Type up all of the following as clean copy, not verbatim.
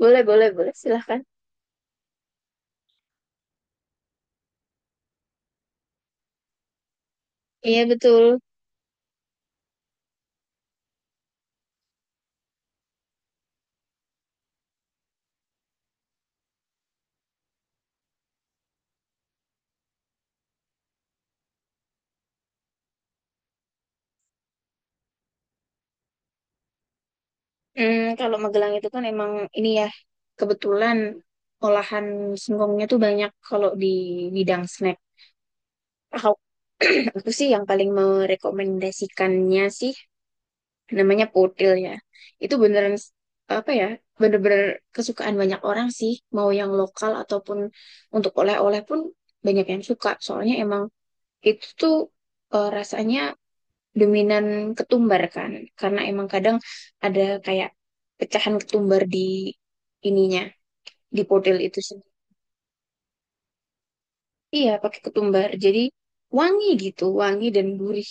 Boleh, boleh, boleh. Silahkan. Iya, betul. Kalau Magelang itu kan emang ini ya, kebetulan olahan singkongnya tuh banyak kalau di bidang snack. Aku, aku sih yang paling merekomendasikannya sih namanya potil ya. Itu beneran apa ya, bener-bener kesukaan banyak orang sih. Mau yang lokal ataupun untuk oleh-oleh pun banyak yang suka. Soalnya emang itu tuh rasanya dominan ketumbar kan karena emang kadang ada kayak pecahan ketumbar di ininya di potel itu sendiri. Iya, pakai ketumbar, jadi wangi gitu, wangi dan gurih,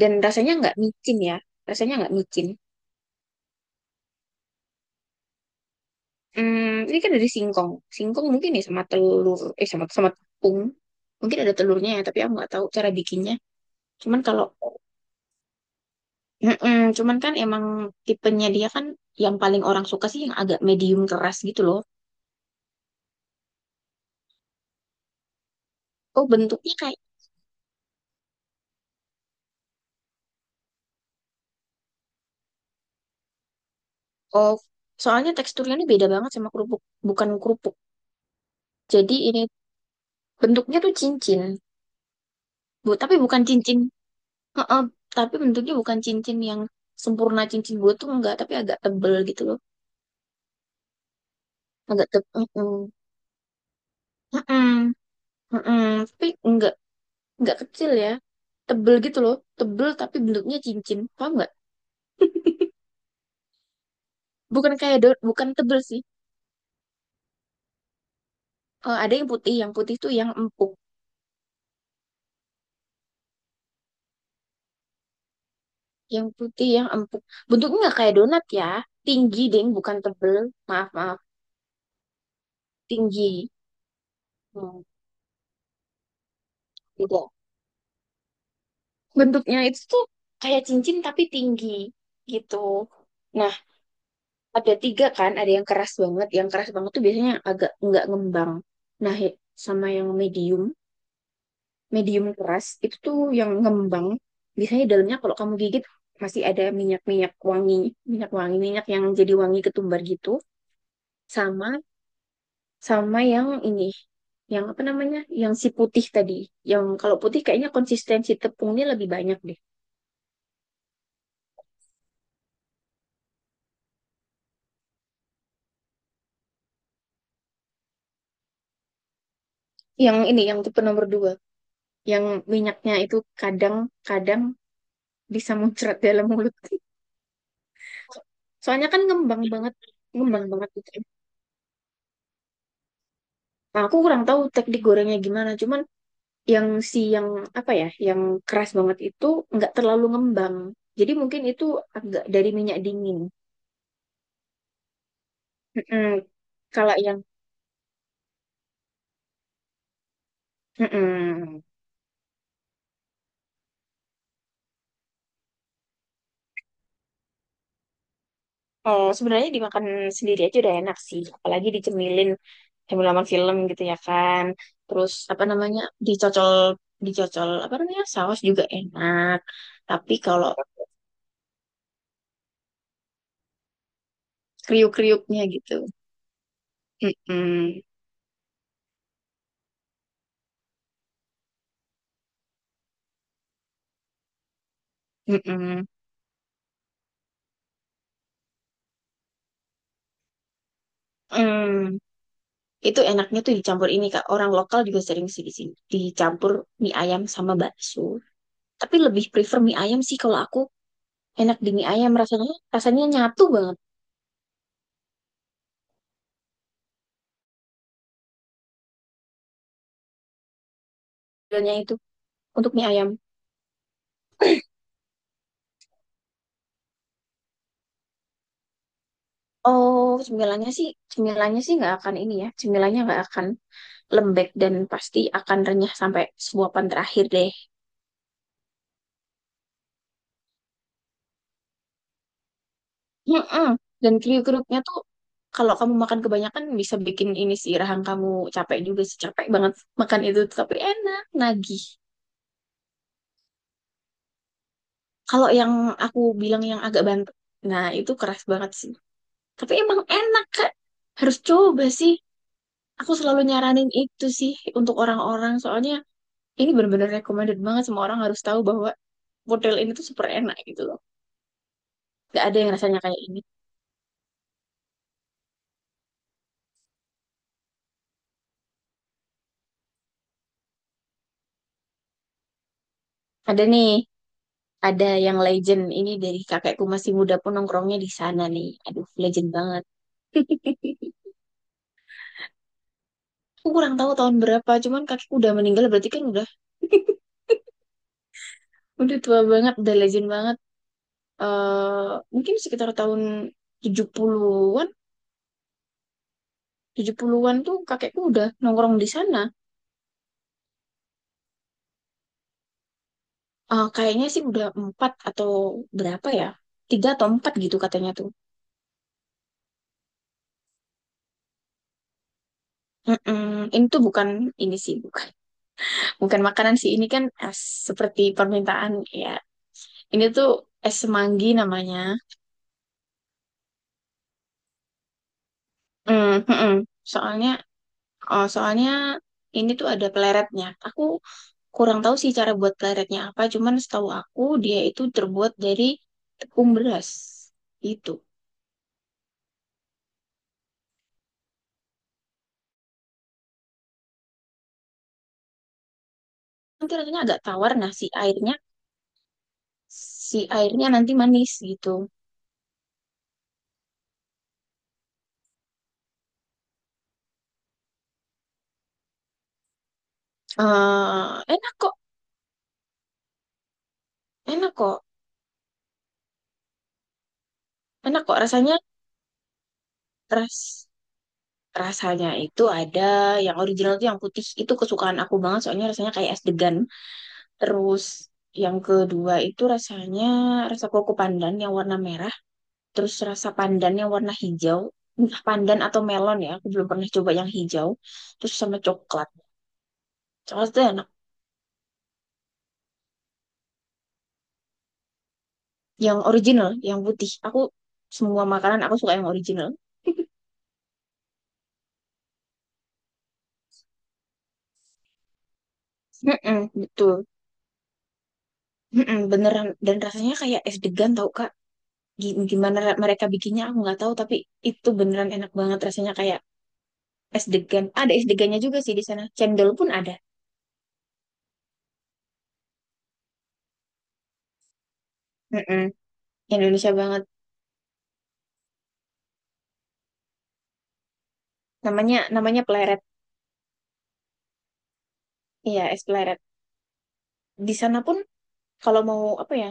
dan rasanya nggak micin ya, rasanya nggak micin. Ini kan dari singkong, singkong mungkin ya, sama telur, sama sama tepung. Mungkin ada telurnya ya, tapi aku nggak tahu cara bikinnya. Cuman kalau mm-mm, cuman kan emang tipenya dia kan yang paling orang suka sih yang agak medium keras gitu loh. Oh, bentuknya kayak, oh, soalnya teksturnya ini beda banget sama kerupuk, bukan kerupuk. Jadi ini bentuknya tuh cincin, bu, tapi bukan cincin. Heeh, tapi bentuknya bukan cincin yang sempurna cincin gue tuh enggak, tapi agak tebel gitu loh, agak tebel. Tapi enggak kecil ya, tebel gitu loh, tebel tapi bentuknya cincin, paham enggak? Bukan kayak daun, bukan tebel sih. Eh, ada yang putih tuh yang empuk, yang putih yang empuk. Bentuknya enggak kayak donat ya, tinggi deng, bukan tebel. Maaf maaf. Tinggi. Hmm, gitu. Bentuknya itu tuh kayak cincin tapi tinggi gitu. Nah, ada tiga kan, ada yang keras banget. Yang keras banget tuh biasanya agak nggak ngembang. Nah, he-, sama yang medium, medium keras itu tuh yang ngembang. Biasanya dalamnya kalau kamu gigit masih ada minyak-minyak wangi, minyak yang jadi wangi ketumbar gitu. Sama sama yang ini, yang apa namanya, yang si putih tadi. Yang kalau putih kayaknya konsistensi tepungnya lebih banyak deh. Yang ini yang tipe nomor dua, yang minyaknya itu kadang-kadang bisa muncrat dalam mulut. Soalnya kan ngembang banget, ngembang banget gitu ya. Nah, aku kurang tahu teknik gorengnya gimana, cuman yang si yang apa ya, yang keras banget itu nggak terlalu ngembang, jadi mungkin itu agak dari minyak dingin. Mm-mm. Kalau yang mm-mm. Oh, sebenarnya dimakan sendiri aja udah enak sih, apalagi dicemilin halaman film gitu ya kan. Terus apa namanya, dicocol, dicocol apa namanya saus juga enak. Tapi kalau kriuk-kriuknya gitu, mm-mm, mm-mm, mm. Itu enaknya tuh dicampur ini Kak. Orang lokal juga sering sih di sini. Dicampur mie ayam sama bakso. Tapi lebih prefer mie ayam sih kalau aku. Enak di mie ayam rasanya. Rasanya nyatu banget cemilannya itu untuk mie ayam. Oh, cemilannya sih nggak akan ini ya. Cemilannya nggak akan lembek dan pasti akan renyah sampai suapan terakhir deh. Mm-mm. Dan kriuk-kriuknya tuh kalau kamu makan kebanyakan bisa bikin ini sih rahang kamu capek juga sih, capek banget makan itu tapi enak nagih. Kalau yang aku bilang yang agak bantu, nah itu keras banget sih. Tapi emang enak Kak, harus coba sih. Aku selalu nyaranin itu sih untuk orang-orang, soalnya ini benar-benar recommended banget, semua orang harus tahu bahwa model ini tuh super enak gitu loh. Gak ada yang rasanya kayak ini. Ada nih, ada yang legend ini dari kakekku masih muda pun nongkrongnya di sana nih. Aduh, legend banget. Aku kurang tahu tahun berapa, cuman kakekku udah meninggal berarti kan udah tua banget, udah legend banget. Eh mungkin sekitar tahun 70-an, 70-an tuh kakekku udah nongkrong di sana. Eh, kayaknya sih udah empat atau berapa ya? Tiga atau empat gitu katanya tuh. Mm-mm. Ini tuh bukan ini sih, bukan bukan makanan sih. Ini kan seperti permintaan ya. Ini tuh es semanggi namanya. Hmm, hmm, soalnya, oh, soalnya ini tuh ada peleretnya. Aku kurang tahu sih cara buat peleretnya apa, cuman setahu aku dia itu terbuat dari tepung beras itu. Nanti rasanya agak tawar, nah si airnya nanti manis gitu. Enak kok, enak kok, enak kok rasanya. Ras, rasanya itu ada yang original tuh yang putih itu kesukaan aku banget, soalnya rasanya kayak es degan. Terus yang kedua itu rasanya rasa koko pandan yang warna merah, terus rasa pandan yang warna hijau, entah pandan atau melon ya, aku belum pernah coba yang hijau, terus sama coklat. Coklatnya enak, yang original, yang putih. Aku semua makanan aku suka yang original. Mm-mm, betul. Mm-mm, beneran dan rasanya kayak es degan tau Kak. Gi-, Gimana ra-, mereka bikinnya aku nggak tahu tapi itu beneran enak banget rasanya kayak es degan. Ada es degannya juga sih di sana. Cendol pun ada. Mm-mm. Indonesia banget. Namanya namanya Pleret. Iya, es Pleret. Di sana pun kalau mau apa ya?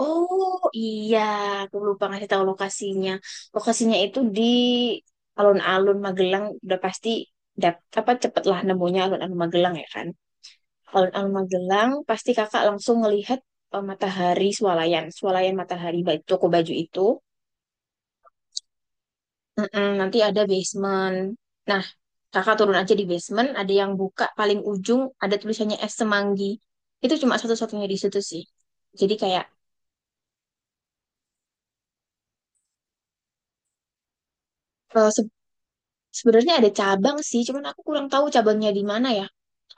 Oh, iya, aku lupa ngasih tahu lokasinya. Lokasinya itu di alun-alun Magelang udah pasti, dap- apa cepet lah nemunya alun-alun Magelang ya kan. Alun-alun Magelang pasti kakak langsung ngelihat, matahari swalayan, swalayan matahari ba- toko baju itu. Mm-mm, nanti ada basement. Nah, kakak turun aja di basement, ada yang buka paling ujung, ada tulisannya es semanggi. Itu cuma satu-satunya di situ sih. Jadi kayak, eh, se- sebenarnya ada cabang sih, cuman aku kurang tahu cabangnya di mana ya.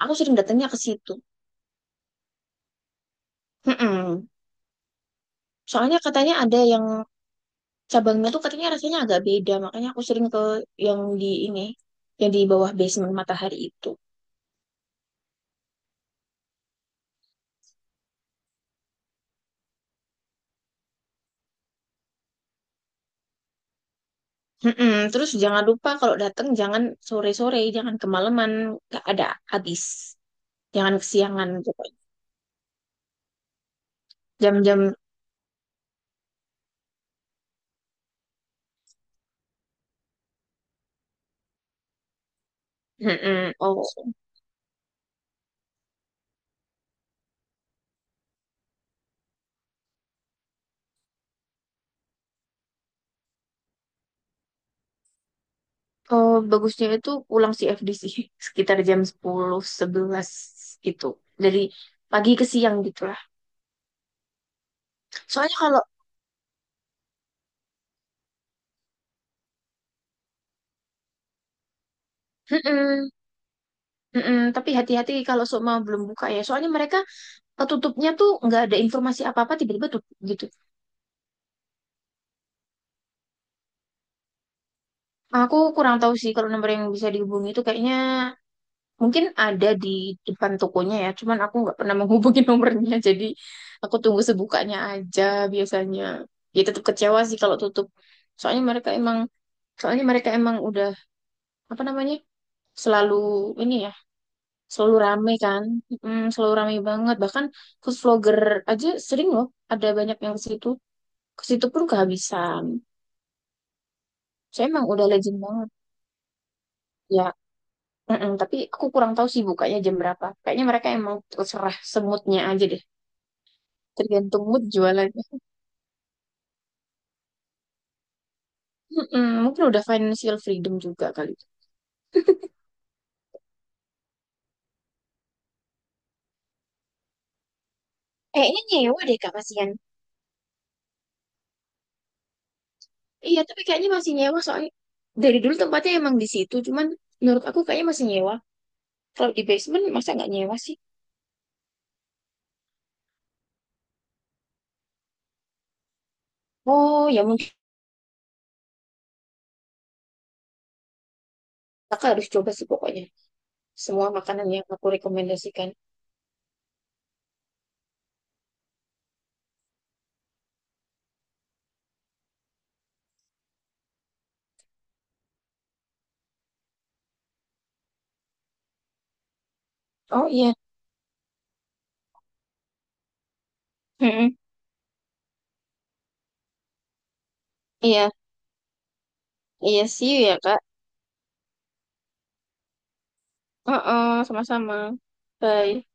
Aku sering datangnya ke situ. Mm-mm. Soalnya katanya ada yang cabangnya tuh katanya rasanya agak beda, makanya aku sering ke yang di ini, yang di bawah basement matahari itu. Mm-mm. Terus jangan lupa kalau datang jangan sore-sore, jangan kemalaman, nggak ada habis. Jangan kesiangan pokoknya. Jam-jam mm-mm. Oh. Oh, bagusnya itu pulang CFD sih sekitar jam 10-11 gitu. Dari pagi ke siang gitu. Soalnya kalau mm-mm, mm-mm. Tapi hati-hati kalau Sukma belum buka ya. Soalnya mereka tutupnya tuh nggak ada informasi apa-apa tiba-tiba tutup gitu. Aku kurang tahu sih kalau nomor yang bisa dihubungi itu kayaknya mungkin ada di depan tokonya ya, cuman aku nggak pernah menghubungi nomornya, jadi aku tunggu sebukanya aja biasanya. Ya tetap kecewa sih kalau tutup. Soalnya mereka emang, soalnya mereka emang udah apa namanya, selalu ini ya, selalu rame kan, mm, selalu rame banget. Bahkan food vlogger aja sering loh, ada banyak yang ke situ pun kehabisan. Saya emang udah legend banget ya. Mm-mm, tapi aku kurang tahu sih bukanya jam berapa. Kayaknya mereka emang terserah semutnya aja deh. Tergantung mood jualannya. Mm-mm, mungkin udah financial freedom juga kali. Kayaknya nyewa deh Kak kasihan. Iya, tapi kayaknya masih nyewa soalnya dari dulu tempatnya emang di situ, cuman menurut aku kayaknya masih nyewa. Kalau di basement masa nggak nyewa sih? Oh, ya mungkin. Kakak harus coba sih pokoknya. Semua makanan yang aku rekomendasikan. Oh iya. Mm-mm. Iya, iya sih ya Kak. Oh sama-sama. Bye.